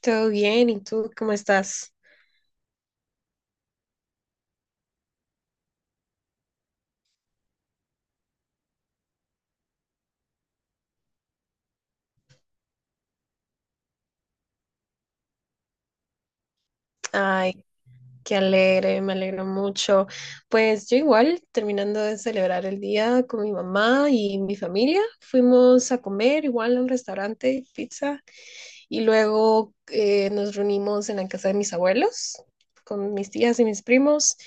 Todo bien, ¿y tú cómo estás? Ay, qué alegre, me alegro mucho. Pues yo igual, terminando de celebrar el día con mi mamá y mi familia, fuimos a comer igual a un restaurante, pizza, y luego nos reunimos en la casa de mis abuelos, con mis tías y mis primos,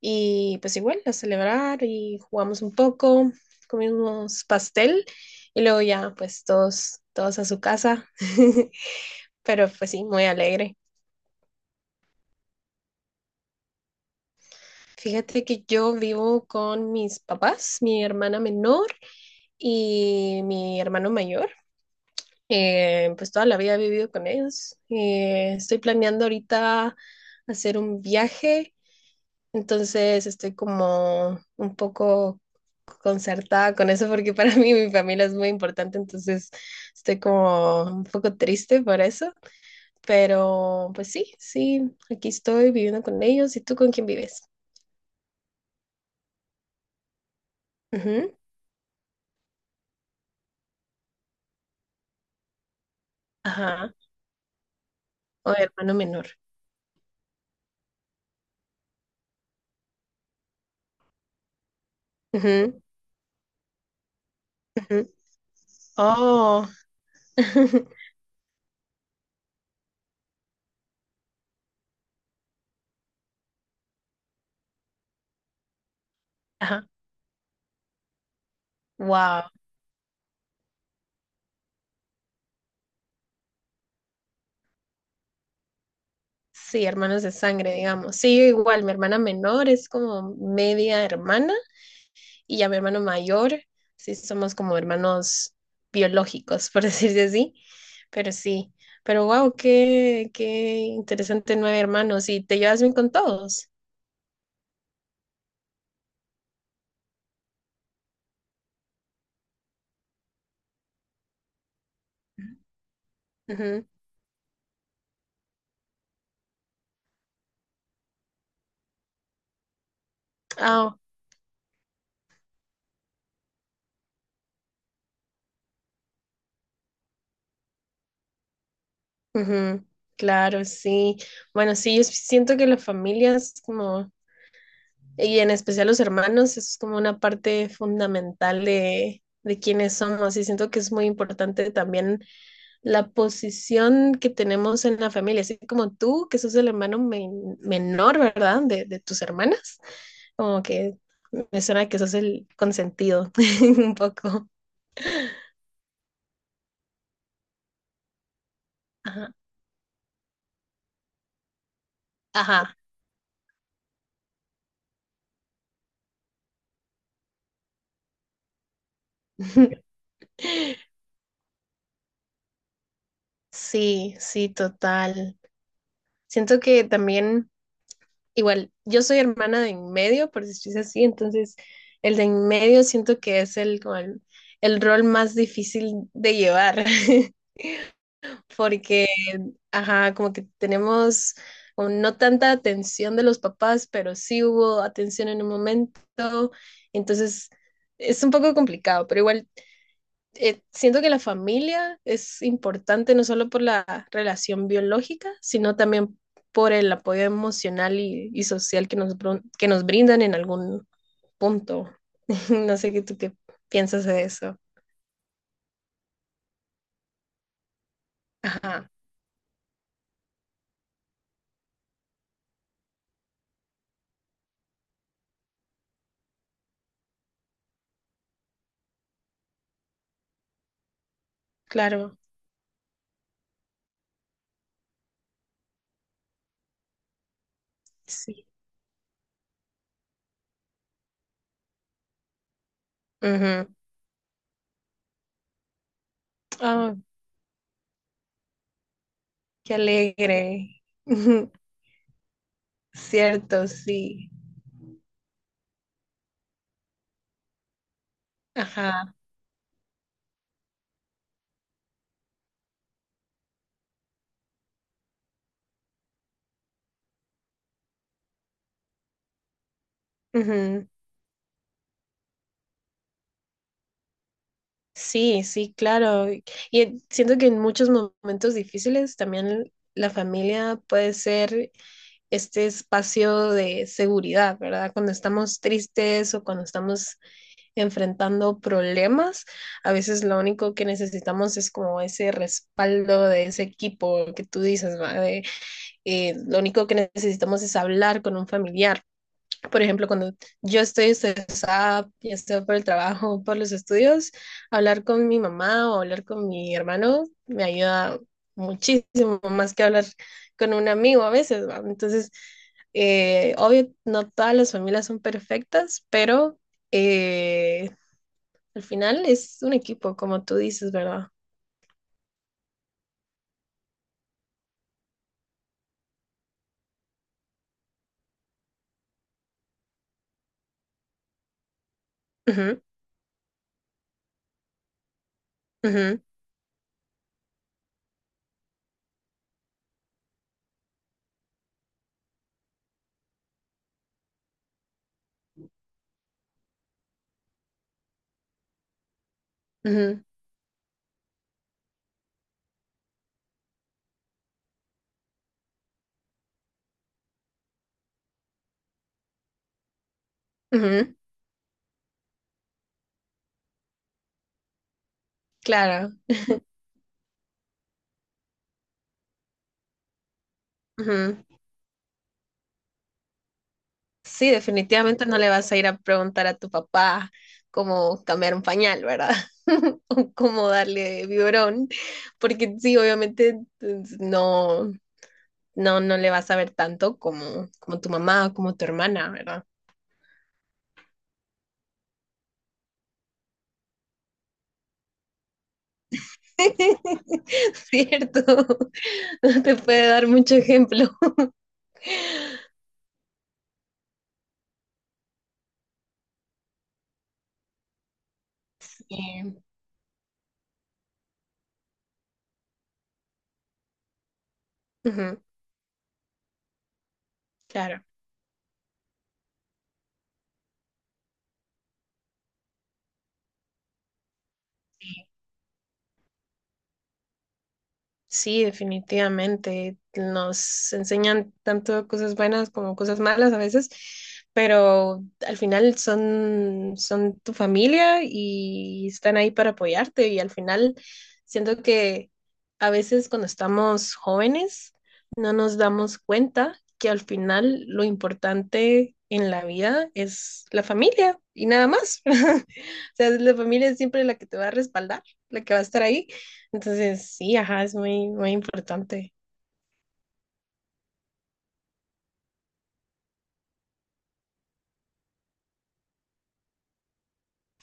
y pues igual a celebrar y jugamos un poco, comimos pastel, y luego ya pues todos a su casa, pero pues sí, muy alegre. Fíjate que yo vivo con mis papás, mi hermana menor y mi hermano mayor. Pues toda la vida he vivido con ellos. Estoy planeando ahorita hacer un viaje, entonces estoy como un poco concertada con eso porque para mí mi familia es muy importante, entonces estoy como un poco triste por eso. Pero pues sí, sí, aquí estoy viviendo con ellos. ¿Y tú con quién vives? Ujú. Ajá. O hermano menor. Ujú, ujú. Oh. Ajá. Wow. Sí, hermanos de sangre, digamos. Sí, yo igual, mi hermana menor es como media hermana y ya mi hermano mayor, sí, somos como hermanos biológicos, por decirse así. Pero sí, pero wow, qué interesante nueve hermanos y te llevas bien con todos. Ujú. Ah, ujú. Claro, sí. Bueno, sí, yo siento que las familias como Y en especial los hermanos, eso es como una parte fundamental de quiénes somos. Y siento que es muy importante también la posición que tenemos en la familia. Así como tú, que sos el menor, ¿verdad? De tus hermanas. Como que me suena que sos el consentido un poco. Ajá. Ajá. Sí, sí, total. Siento que también igual, yo soy hermana de en medio, por si es así, entonces el de en medio siento que es el, como el rol más difícil de llevar, porque, ajá, como que tenemos como no tanta atención de los papás, pero sí hubo atención en un momento, entonces es un poco complicado, pero igual siento que la familia es importante no solo por la relación biológica, sino también por el apoyo emocional y social que que nos brindan en algún punto. No sé qué tú qué piensas de eso. Ajá, claro, sí. Ujú. Ah, qué alegre. Cierto, sí. Ajá. Ujú. Sí, sí, claro. Y siento que en muchos momentos difíciles también la familia puede ser este espacio de seguridad, ¿verdad? Cuando estamos tristes o cuando estamos enfrentando problemas, a veces lo único que necesitamos es como ese respaldo de ese equipo que tú dices, ¿va? De, lo único que necesitamos es hablar con un familiar, por ejemplo, cuando yo estoy estresada, ya estoy por el trabajo, por los estudios, hablar con mi mamá o hablar con mi hermano me ayuda muchísimo más que hablar con un amigo a veces, ¿va? Entonces, obvio, no todas las familias son perfectas, pero eh, al final es un equipo, como tú dices, ¿verdad? Ujú, ujú, ujú, ujú, claro. Ujú. Sí, definitivamente no le vas a ir a preguntar a tu papá cómo cambiar un pañal, ¿verdad? O cómo darle biberón, porque sí, obviamente pues, no, no le vas a ver tanto como, como tu mamá o como tu hermana, ¿verdad? Cierto, no te puede dar mucho ejemplo. Sí. Ujú, claro. Sí, definitivamente. Nos enseñan tanto cosas buenas como cosas malas a veces, pero al final son, son tu familia y están ahí para apoyarte. Y al final siento que a veces cuando estamos jóvenes no nos damos cuenta que al final lo importante en la vida es la familia y nada más. O sea, la familia es siempre la que te va a respaldar, la que va a estar ahí. Entonces, sí, ajá, es muy importante.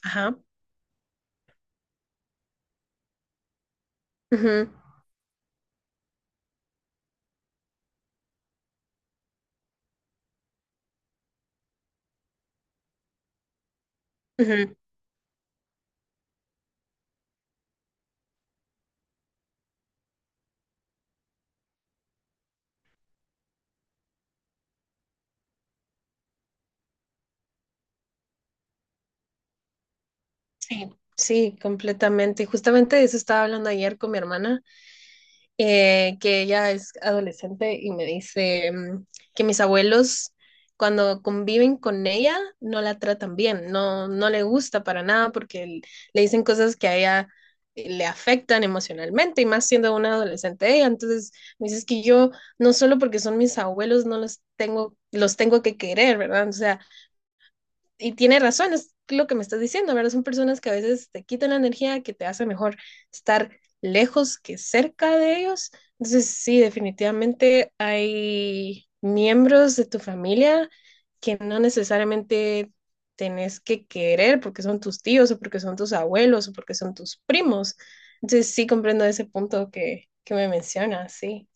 Ajá. Ujú, ujú. Sí, sí, completamente. Justamente de eso estaba hablando ayer con mi hermana, que ella es adolescente y me dice que mis abuelos cuando conviven con ella no la tratan bien, no, no le gusta para nada le dicen cosas que a ella le afectan emocionalmente y más siendo una adolescente ella. Entonces me dice "Es que yo no solo porque son mis abuelos no los tengo, los tengo que querer, ¿verdad? O sea, y tiene razón, es lo que me estás diciendo, ¿verdad? Son personas que a veces te quitan la energía, que te hace mejor estar lejos que cerca de ellos. Entonces, sí, definitivamente hay miembros de tu familia que no necesariamente tenés que querer porque son tus tíos o porque son tus abuelos o porque son tus primos. Entonces, sí comprendo ese punto que me mencionas, sí.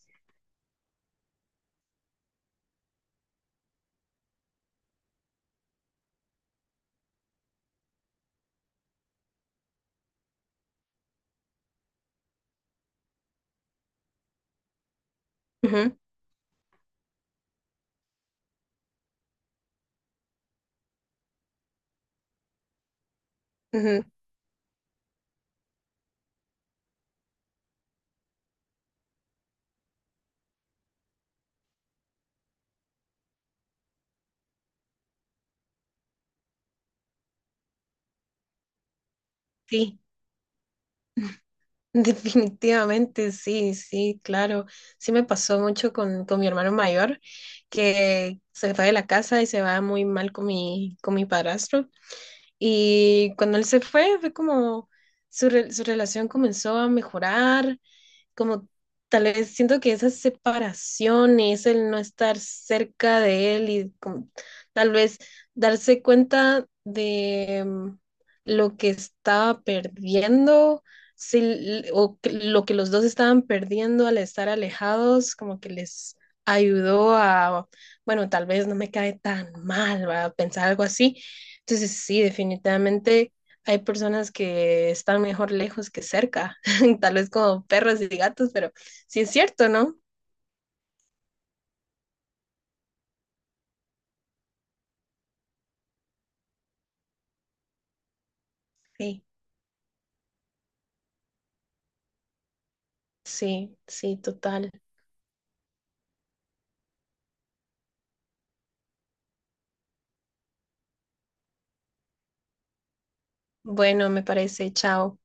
Ujú, ujú, sí. Definitivamente, sí, sí, claro. Sí me pasó mucho con mi hermano mayor, que se fue de la casa y se va muy mal con mi padrastro. Y cuando él se fue, fue como su relación comenzó a mejorar, como tal vez siento que esa separación y es el no estar cerca de él y como, tal vez darse cuenta de lo que estaba perdiendo, si l- o que- lo que los dos estaban perdiendo al estar alejados, como que les ayudó a, bueno, tal vez no me cae tan mal, va a pensar algo así. Entonces sí, definitivamente hay personas que están mejor lejos que cerca. Tal vez como perros y gatos, pero sí es cierto, ¿no? Sí. Sí, sí, total. Bueno, me parece, chao.